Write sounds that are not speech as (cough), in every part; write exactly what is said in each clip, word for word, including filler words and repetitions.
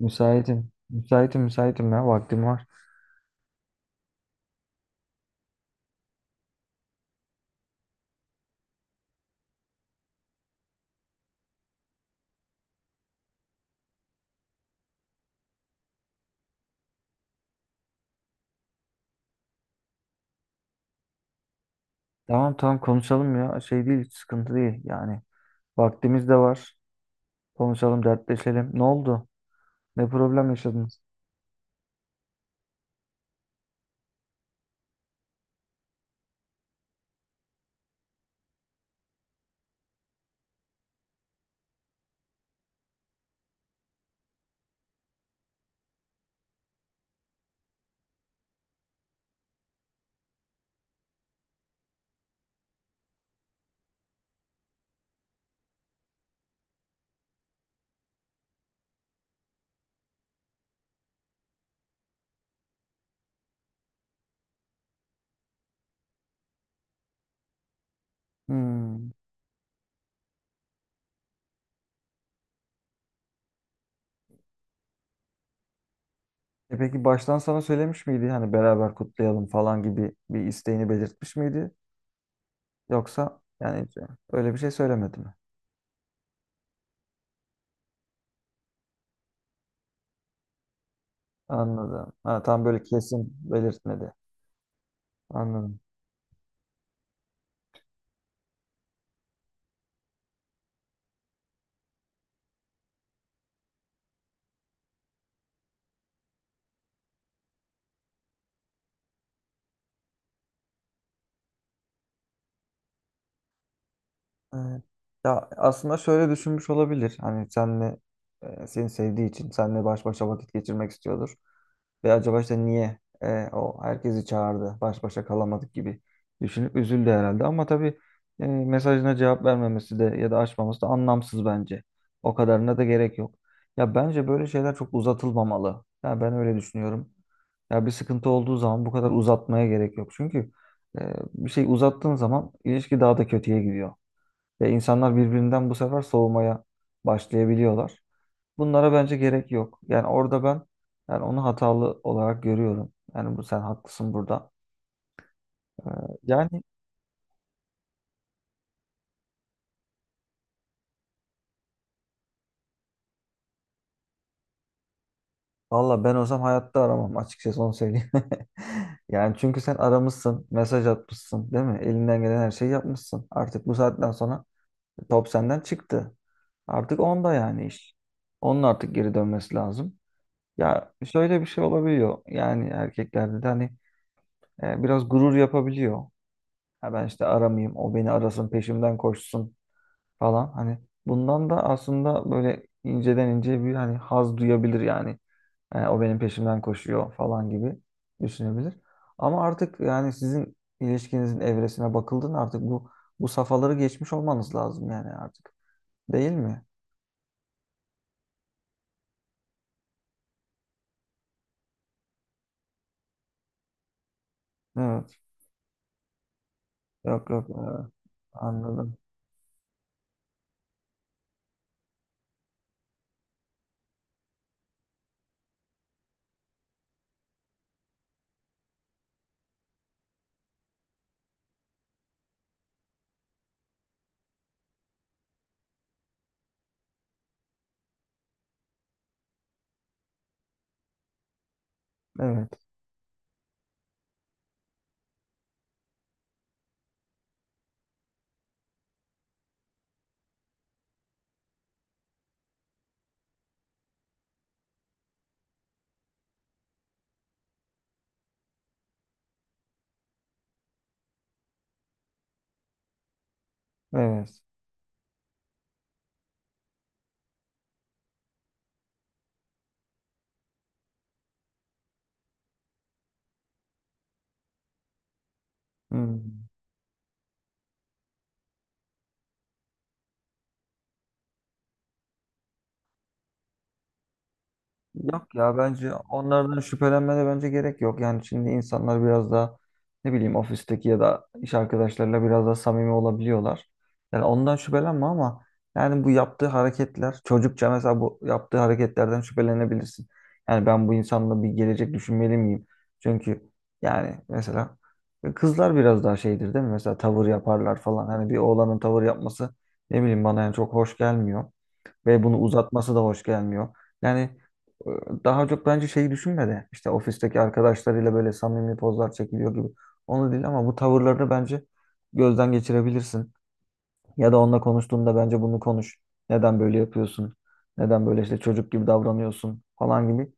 Müsaitim. Müsaitim müsaitim ya vaktim var. Tamam tamam konuşalım ya şey değil hiç sıkıntı değil yani. Vaktimiz de var. Konuşalım dertleşelim. Ne oldu? Ne problem yaşadınız? Hmm. E peki baştan sana söylemiş miydi? Hani beraber kutlayalım falan gibi bir isteğini belirtmiş miydi? Yoksa yani hiç öyle bir şey söylemedi mi? Anladım. Ha, tam böyle kesin belirtmedi. Anladım. Evet. Ya aslında şöyle düşünmüş olabilir. Hani senle e, seni sevdiği için seninle baş başa vakit geçirmek istiyordur. Ve acaba işte niye e, o herkesi çağırdı, baş başa kalamadık gibi düşünüp üzüldü herhalde. Ama tabii e, mesajına cevap vermemesi de ya da açmaması da anlamsız bence. O kadarına da gerek yok. Ya bence böyle şeyler çok uzatılmamalı. Ya ben öyle düşünüyorum. Ya bir sıkıntı olduğu zaman bu kadar uzatmaya gerek yok. Çünkü e, bir şey uzattığın zaman ilişki daha da kötüye gidiyor. Ve insanlar birbirinden bu sefer soğumaya başlayabiliyorlar. Bunlara bence gerek yok. Yani orada ben yani onu hatalı olarak görüyorum. Yani bu sen haklısın burada. Ee, yani valla ben olsam hayatta aramam açıkçası onu söyleyeyim. (laughs) Yani çünkü sen aramışsın, mesaj atmışsın, değil mi? Elinden gelen her şeyi yapmışsın. Artık bu saatten sonra top senden çıktı. Artık onda yani iş. Onun artık geri dönmesi lazım. Ya şöyle bir şey olabiliyor. Yani erkeklerde de hani E, biraz gurur yapabiliyor. Ha ben işte aramayayım, o beni arasın, peşimden koşsun falan. Hani bundan da aslında böyle inceden ince bir hani haz duyabilir yani. E, o benim peşimden koşuyor falan gibi düşünebilir. Ama artık yani sizin ilişkinizin evresine bakıldığında artık bu bu safhaları geçmiş olmanız lazım yani artık. Değil mi? Evet. Yok yok. Evet. Anladım. Evet. Evet. Hmm. Yok ya bence onlardan şüphelenmene bence gerek yok. Yani şimdi insanlar biraz daha ne bileyim ofisteki ya da iş arkadaşlarıyla biraz daha samimi olabiliyorlar. Yani ondan şüphelenme ama yani bu yaptığı hareketler çocukça mesela bu yaptığı hareketlerden şüphelenebilirsin. Yani ben bu insanla bir gelecek düşünmeli miyim? Çünkü yani mesela kızlar biraz daha şeydir değil mi? Mesela tavır yaparlar falan. Hani bir oğlanın tavır yapması ne bileyim bana yani çok hoş gelmiyor ve bunu uzatması da hoş gelmiyor. Yani e, daha çok bence şeyi düşünme de işte ofisteki arkadaşlarıyla böyle samimi pozlar çekiliyor gibi. Onu değil ama bu tavırlarını bence gözden geçirebilirsin. Ya da onunla konuştuğunda bence bunu konuş. Neden böyle yapıyorsun? Neden böyle işte çocuk gibi davranıyorsun falan gibi.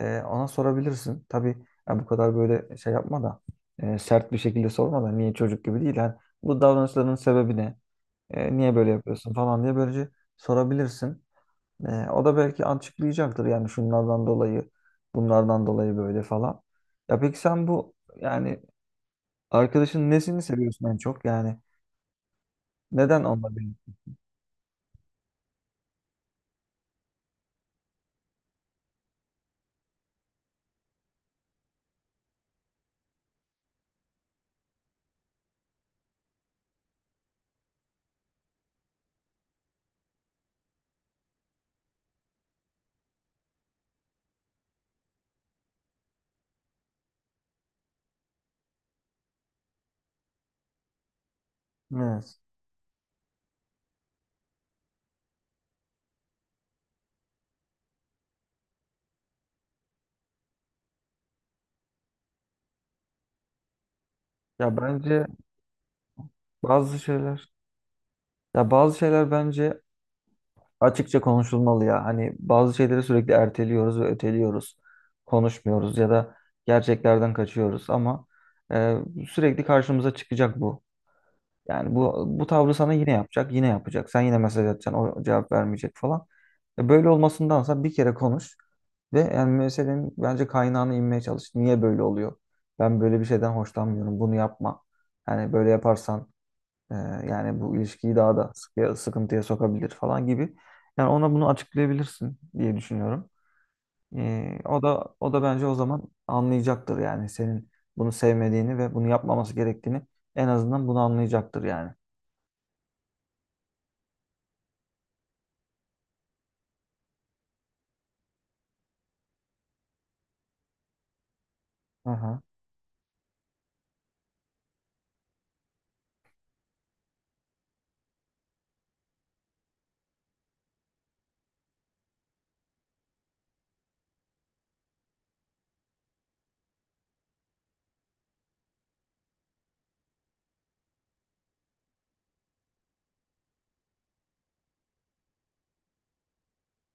E, ona sorabilirsin. Tabii ya bu kadar böyle şey yapma da e, sert bir şekilde sorma da niye çocuk gibi değil. Yani bu davranışların sebebi ne? E, niye böyle yapıyorsun falan diye böylece sorabilirsin. E, o da belki açıklayacaktır yani şunlardan dolayı, bunlardan dolayı böyle falan. Ya peki sen bu yani arkadaşın nesini seviyorsun en çok? Yani neden onunla birlikte? Evet. Ya bence bazı şeyler, ya bazı şeyler bence açıkça konuşulmalı ya. Hani bazı şeyleri sürekli erteliyoruz ve öteliyoruz. Konuşmuyoruz ya da gerçeklerden kaçıyoruz ama e, sürekli karşımıza çıkacak bu. Yani bu bu tavrı sana yine yapacak, yine yapacak. Sen yine mesaj atacaksın, o cevap vermeyecek falan. E böyle olmasındansa bir kere konuş ve yani meselenin bence kaynağına inmeye çalış. Niye böyle oluyor? Ben böyle bir şeyden hoşlanmıyorum. Bunu yapma. Yani böyle yaparsan e, yani bu ilişkiyi daha da sıkıya- sıkıntıya sokabilir falan gibi. Yani ona bunu açıklayabilirsin diye düşünüyorum. E, o da o da bence o zaman anlayacaktır yani senin bunu sevmediğini ve bunu yapmaması gerektiğini en azından bunu anlayacaktır yani. Aha.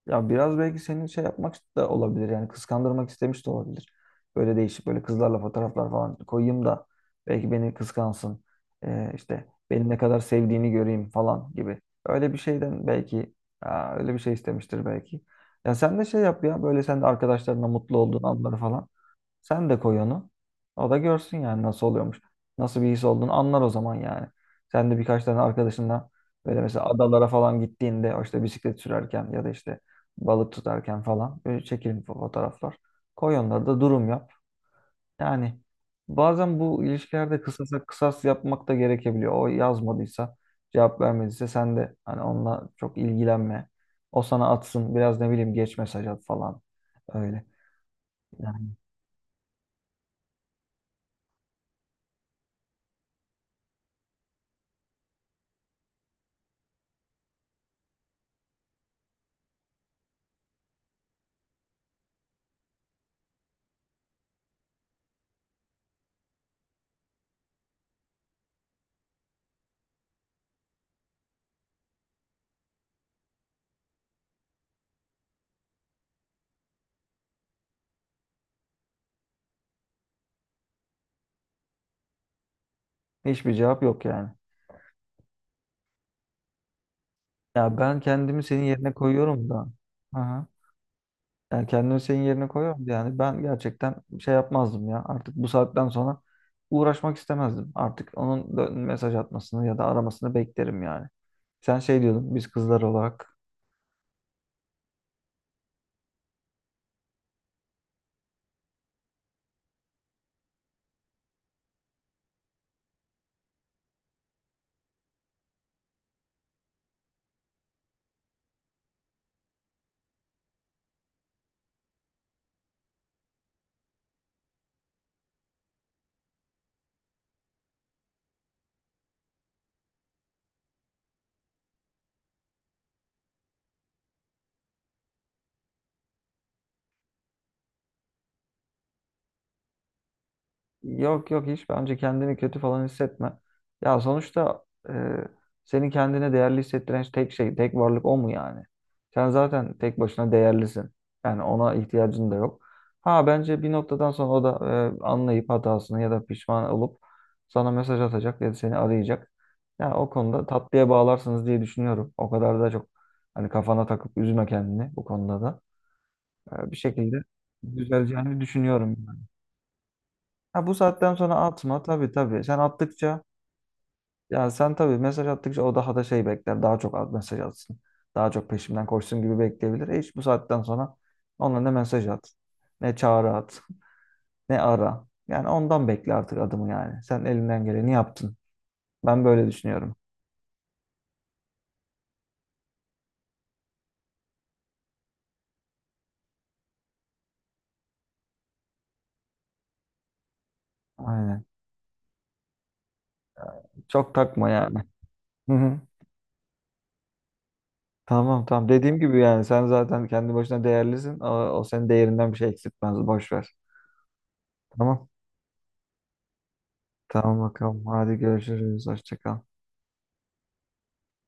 Ya biraz belki senin şey yapmak da olabilir yani kıskandırmak istemiş de olabilir. Böyle değişik böyle kızlarla fotoğraflar falan koyayım da belki beni kıskansın. Ee, işte beni ne kadar sevdiğini göreyim falan gibi. Öyle bir şeyden belki aa, öyle bir şey istemiştir belki. Ya sen de şey yap ya böyle sen de arkadaşlarına mutlu olduğun anları falan. Sen de koy onu. O da görsün yani nasıl oluyormuş. Nasıl bir his olduğunu anlar o zaman yani. Sen de birkaç tane arkadaşınla böyle mesela adalara falan gittiğinde o işte bisiklet sürerken ya da işte balık tutarken falan böyle çekin fotoğraflar. Koy onları da durum yap. Yani bazen bu ilişkilerde kısasa kısas yapmak da gerekebiliyor. O yazmadıysa cevap vermediyse sen de hani onunla çok ilgilenme. O sana atsın biraz ne bileyim geç mesaj at falan. Öyle. Yani hiçbir cevap yok yani. Ya ben kendimi senin yerine koyuyorum da. Aha. Yani kendimi senin yerine koyuyorum da yani ben gerçekten şey yapmazdım ya. Artık bu saatten sonra uğraşmak istemezdim. Artık onun dö- mesaj atmasını ya da aramasını beklerim yani. Sen şey diyordun biz kızlar olarak. Yok yok hiç bence kendini kötü falan hissetme. Ya sonuçta e, seni kendine değerli hissettiren şey tek şey, tek varlık o mu yani? Sen zaten tek başına değerlisin. Yani ona ihtiyacın da yok. Ha bence bir noktadan sonra o da e, anlayıp hatasını ya da pişman olup sana mesaj atacak ya da seni arayacak. Ya o konuda tatlıya bağlarsınız diye düşünüyorum. O kadar da çok hani kafana takıp üzme kendini bu konuda da. E, bir şekilde düzeleceğini düşünüyorum yani. Ha, bu saatten sonra atma tabii tabii. Sen attıkça ya sen tabii mesaj attıkça o daha da şey bekler. Daha çok at mesaj atsın. Daha çok peşimden koşsun gibi bekleyebilir. E hiç bu saatten sonra ona ne mesaj at, ne çağrı at, ne ara. Yani ondan bekle artık adımı yani. Sen elinden geleni yaptın. Ben böyle düşünüyorum. Aynen. Çok takma yani. Hı hı. Tamam tamam. Dediğim gibi yani sen zaten kendi başına değerlisin. O, o senin değerinden bir şey eksiltmez. Boş ver. Tamam. Tamam bakalım. Hadi görüşürüz. Hoşça kal.